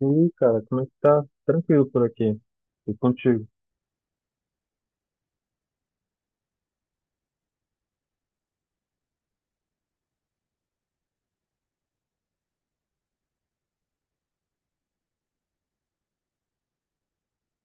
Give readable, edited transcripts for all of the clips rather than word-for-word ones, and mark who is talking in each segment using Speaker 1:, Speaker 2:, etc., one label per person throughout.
Speaker 1: E aí, cara, como é que tá? Tranquilo por aqui. E contigo.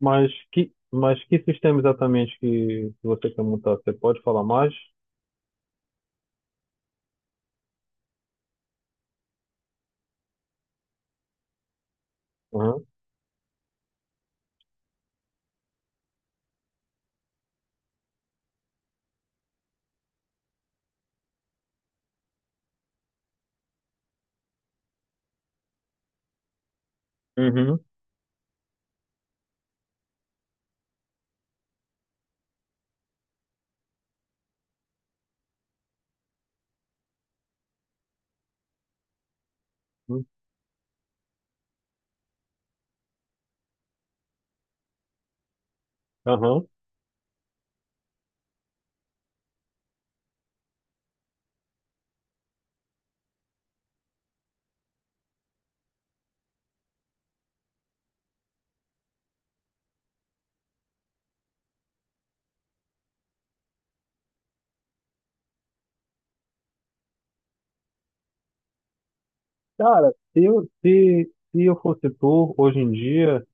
Speaker 1: Mas que sistema exatamente que você quer montar? Você pode falar mais? Aham. Uhum. Uhum. Aham. Cara, se eu fosse tu, hoje em dia,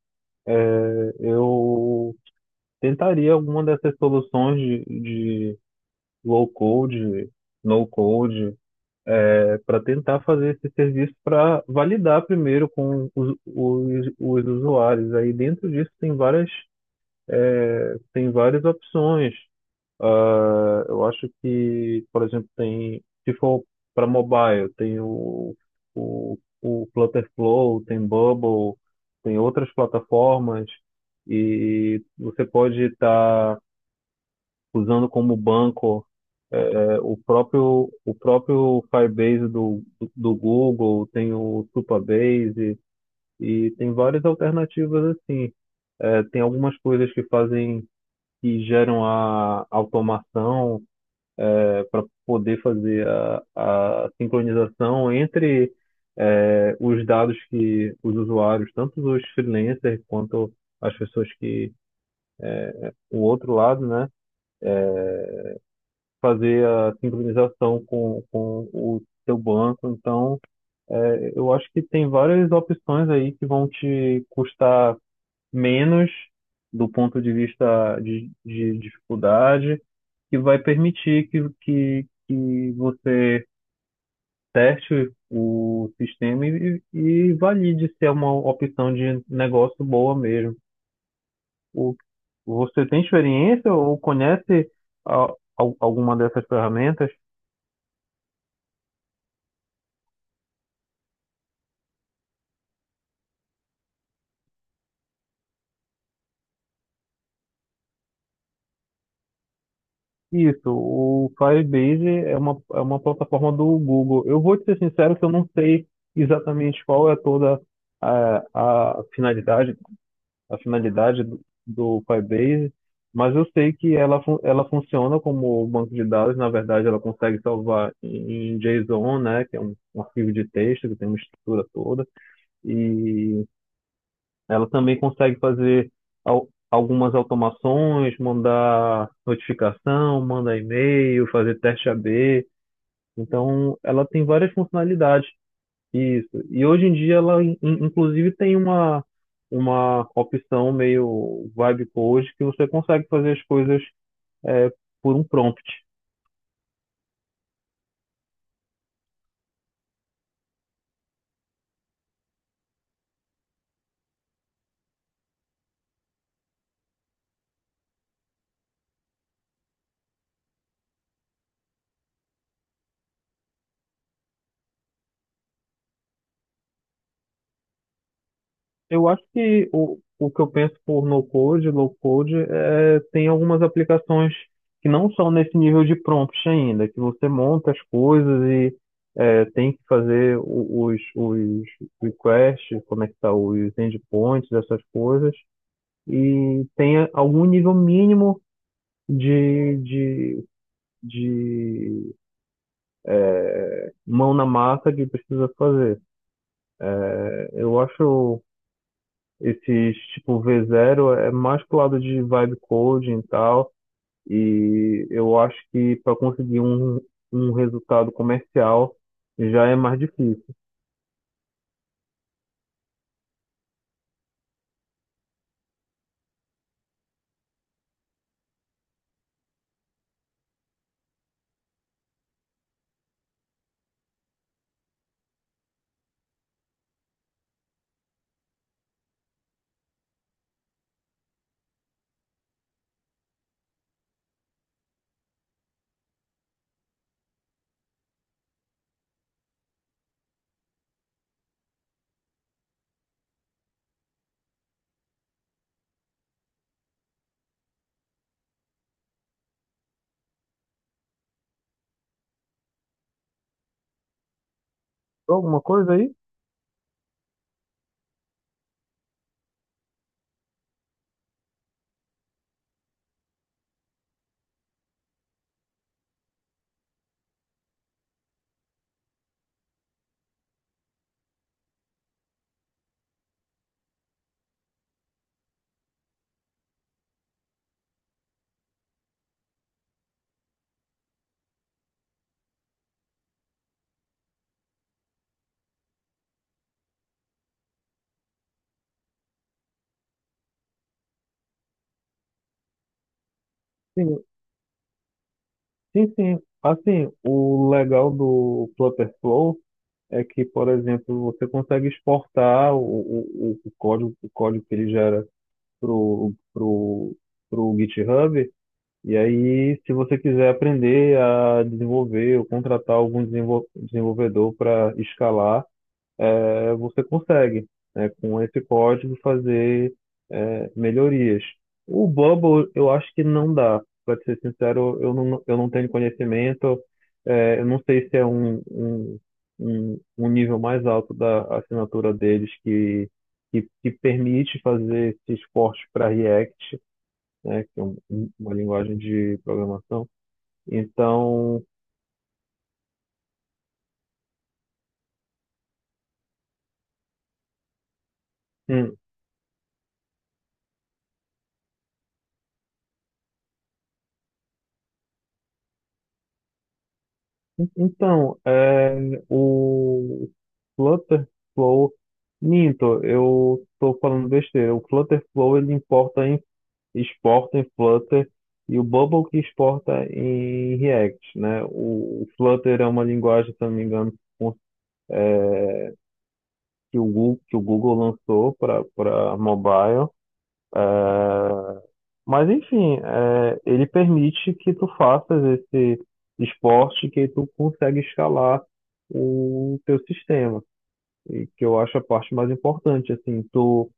Speaker 1: eu tentaria alguma dessas soluções de low code, no code, para tentar fazer esse serviço para validar primeiro com os usuários. Aí dentro disso tem várias. Tem várias opções. Ah, eu acho que, por exemplo, tem, se for para mobile, tem o Flutterflow, tem Bubble, tem outras plataformas e você pode estar usando como banco o próprio Firebase do Google, tem o Supabase e tem várias alternativas assim. Tem algumas coisas que fazem que geram a automação para poder fazer a sincronização entre os dados que os usuários, tanto os freelancers quanto as pessoas que o outro lado, né, fazer a sincronização com o seu banco. Então, eu acho que tem várias opções aí que vão te custar menos do ponto de vista de dificuldade que vai permitir que você teste o sistema e valide se é uma opção de negócio boa mesmo. O, você tem experiência ou conhece alguma dessas ferramentas? Isso, o Firebase é uma plataforma do Google. Eu vou te ser sincero que eu não sei exatamente qual é toda a finalidade a finalidade do Firebase, mas eu sei que ela, ela funciona como banco de dados, na verdade ela consegue salvar em JSON, né, que é um, um arquivo de texto que tem uma estrutura toda, e ela também consegue fazer algumas automações, mandar notificação, mandar e-mail, fazer teste A B. Então ela tem várias funcionalidades. Isso. E hoje em dia ela, inclusive, tem uma opção meio vibe code que você consegue fazer as coisas é, por um prompt. Eu acho que o que eu penso por no code, low code, é, tem algumas aplicações que não são nesse nível de prompt ainda, que você monta as coisas e é, tem que fazer os requests, conectar os endpoints, essas coisas, e tem algum nível mínimo de, de, de mão na massa que precisa fazer. Eu acho esses tipo V0 é mais pro lado de vibe coding e tal, e eu acho que para conseguir um, um resultado comercial já é mais difícil. Alguma coisa aí? Sim, sim, sim. Assim, o legal do Flutter Flow é que, por exemplo, você consegue exportar o código que ele gera pro, pro, pro GitHub. E aí, se você quiser aprender a desenvolver ou contratar algum desenvolvedor para escalar, é, você consegue, né, com esse código, fazer melhorias. O Bubble, eu acho que não dá. Para ser sincero, eu não tenho conhecimento. É, eu não sei se é um nível mais alto da assinatura deles que permite fazer esses cortes para React, né, que é uma linguagem de programação. Então, hum, então, é, o Flutterflow, minto, eu estou falando besteira. O Flutterflow ele exporta em Flutter e o Bubble que exporta em React, né? O Flutter é uma linguagem, se eu não me engano, com- é, que o Google lançou para para mobile. É, mas enfim, é, ele permite que tu faças esse esporte que tu consegue escalar o teu sistema, e que eu acho a parte mais importante, assim, tu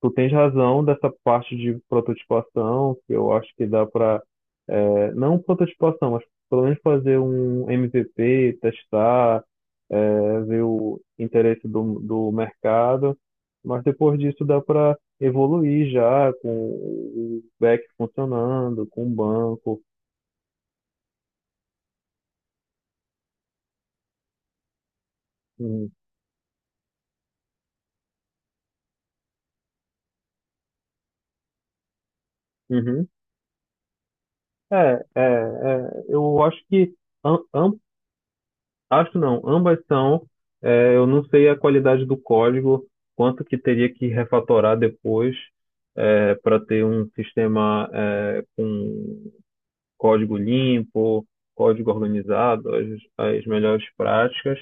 Speaker 1: tu tens razão dessa parte de prototipação, que eu acho que dá para, não prototipação, mas pelo menos fazer um MVP, testar, é, ver o interesse do mercado, mas depois disso dá para evoluir já com o back funcionando, com o banco. com- Uhum. É, é, é, eu acho que am- acho não, ambas são. É, eu não sei a qualidade do código, quanto que teria que refatorar depois para ter um sistema é, com código limpo, código organizado, as melhores práticas.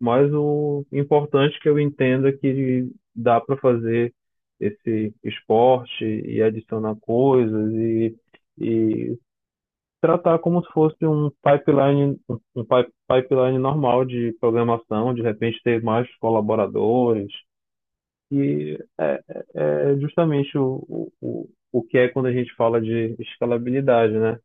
Speaker 1: Mas o importante que eu entendo é que dá para fazer esse esporte e adicionar coisas e tratar como se fosse um pipeline, um pipeline normal de programação, de repente ter mais colaboradores, e é, é justamente o, o que é quando a gente fala de escalabilidade, né?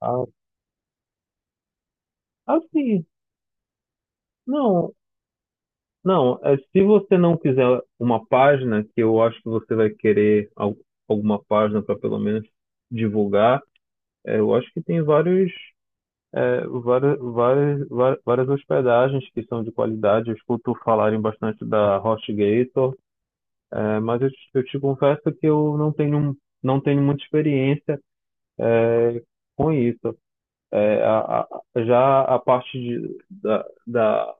Speaker 1: Ah, assim, não, não, é, se você não quiser uma página, que eu acho que você vai querer alguma página para pelo menos divulgar, é, eu acho que tem vários é, várias hospedagens que são de qualidade, eu escuto falarem bastante da HostGator, é, mas eu te confesso que eu não tenho, não tenho muita experiência é, com isso. É, já a parte de,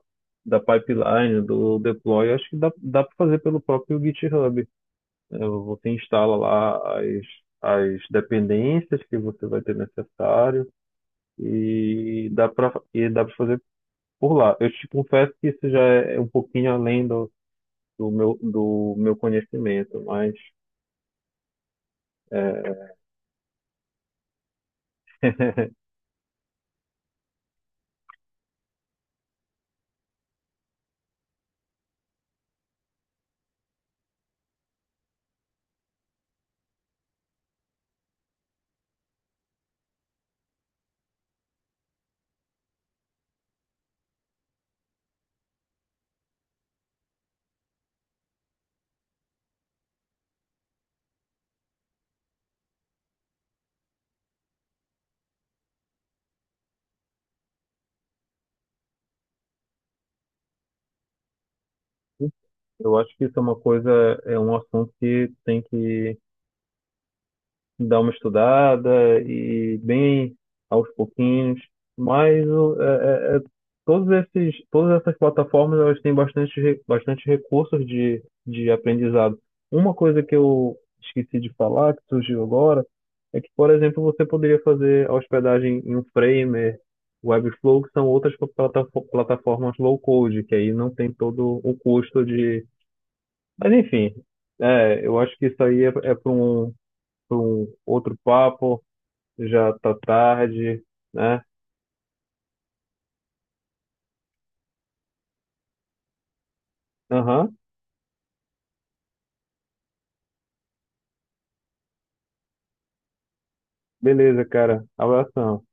Speaker 1: da pipeline, do deploy, acho que dá para fazer pelo próprio GitHub. É, você instala lá as dependências que você vai ter necessário e dá para fazer por lá. Eu te confesso que isso já é um pouquinho além do meu conhecimento, mas é, eu acho que isso é uma coisa, é um assunto que tem que dar uma estudada e bem aos pouquinhos. Mas é, todos esses, todas essas plataformas elas têm bastante, bastante recursos de aprendizado. Uma coisa que eu esqueci de falar, que surgiu agora, é que, por exemplo, você poderia fazer a hospedagem em um Framer, Webflow, que são outras plataformas low code, que aí não tem todo o custo de. Mas enfim, é, eu acho que isso aí é, é para um outro papo. Já tá tarde, né? Aham, beleza, cara. Abração.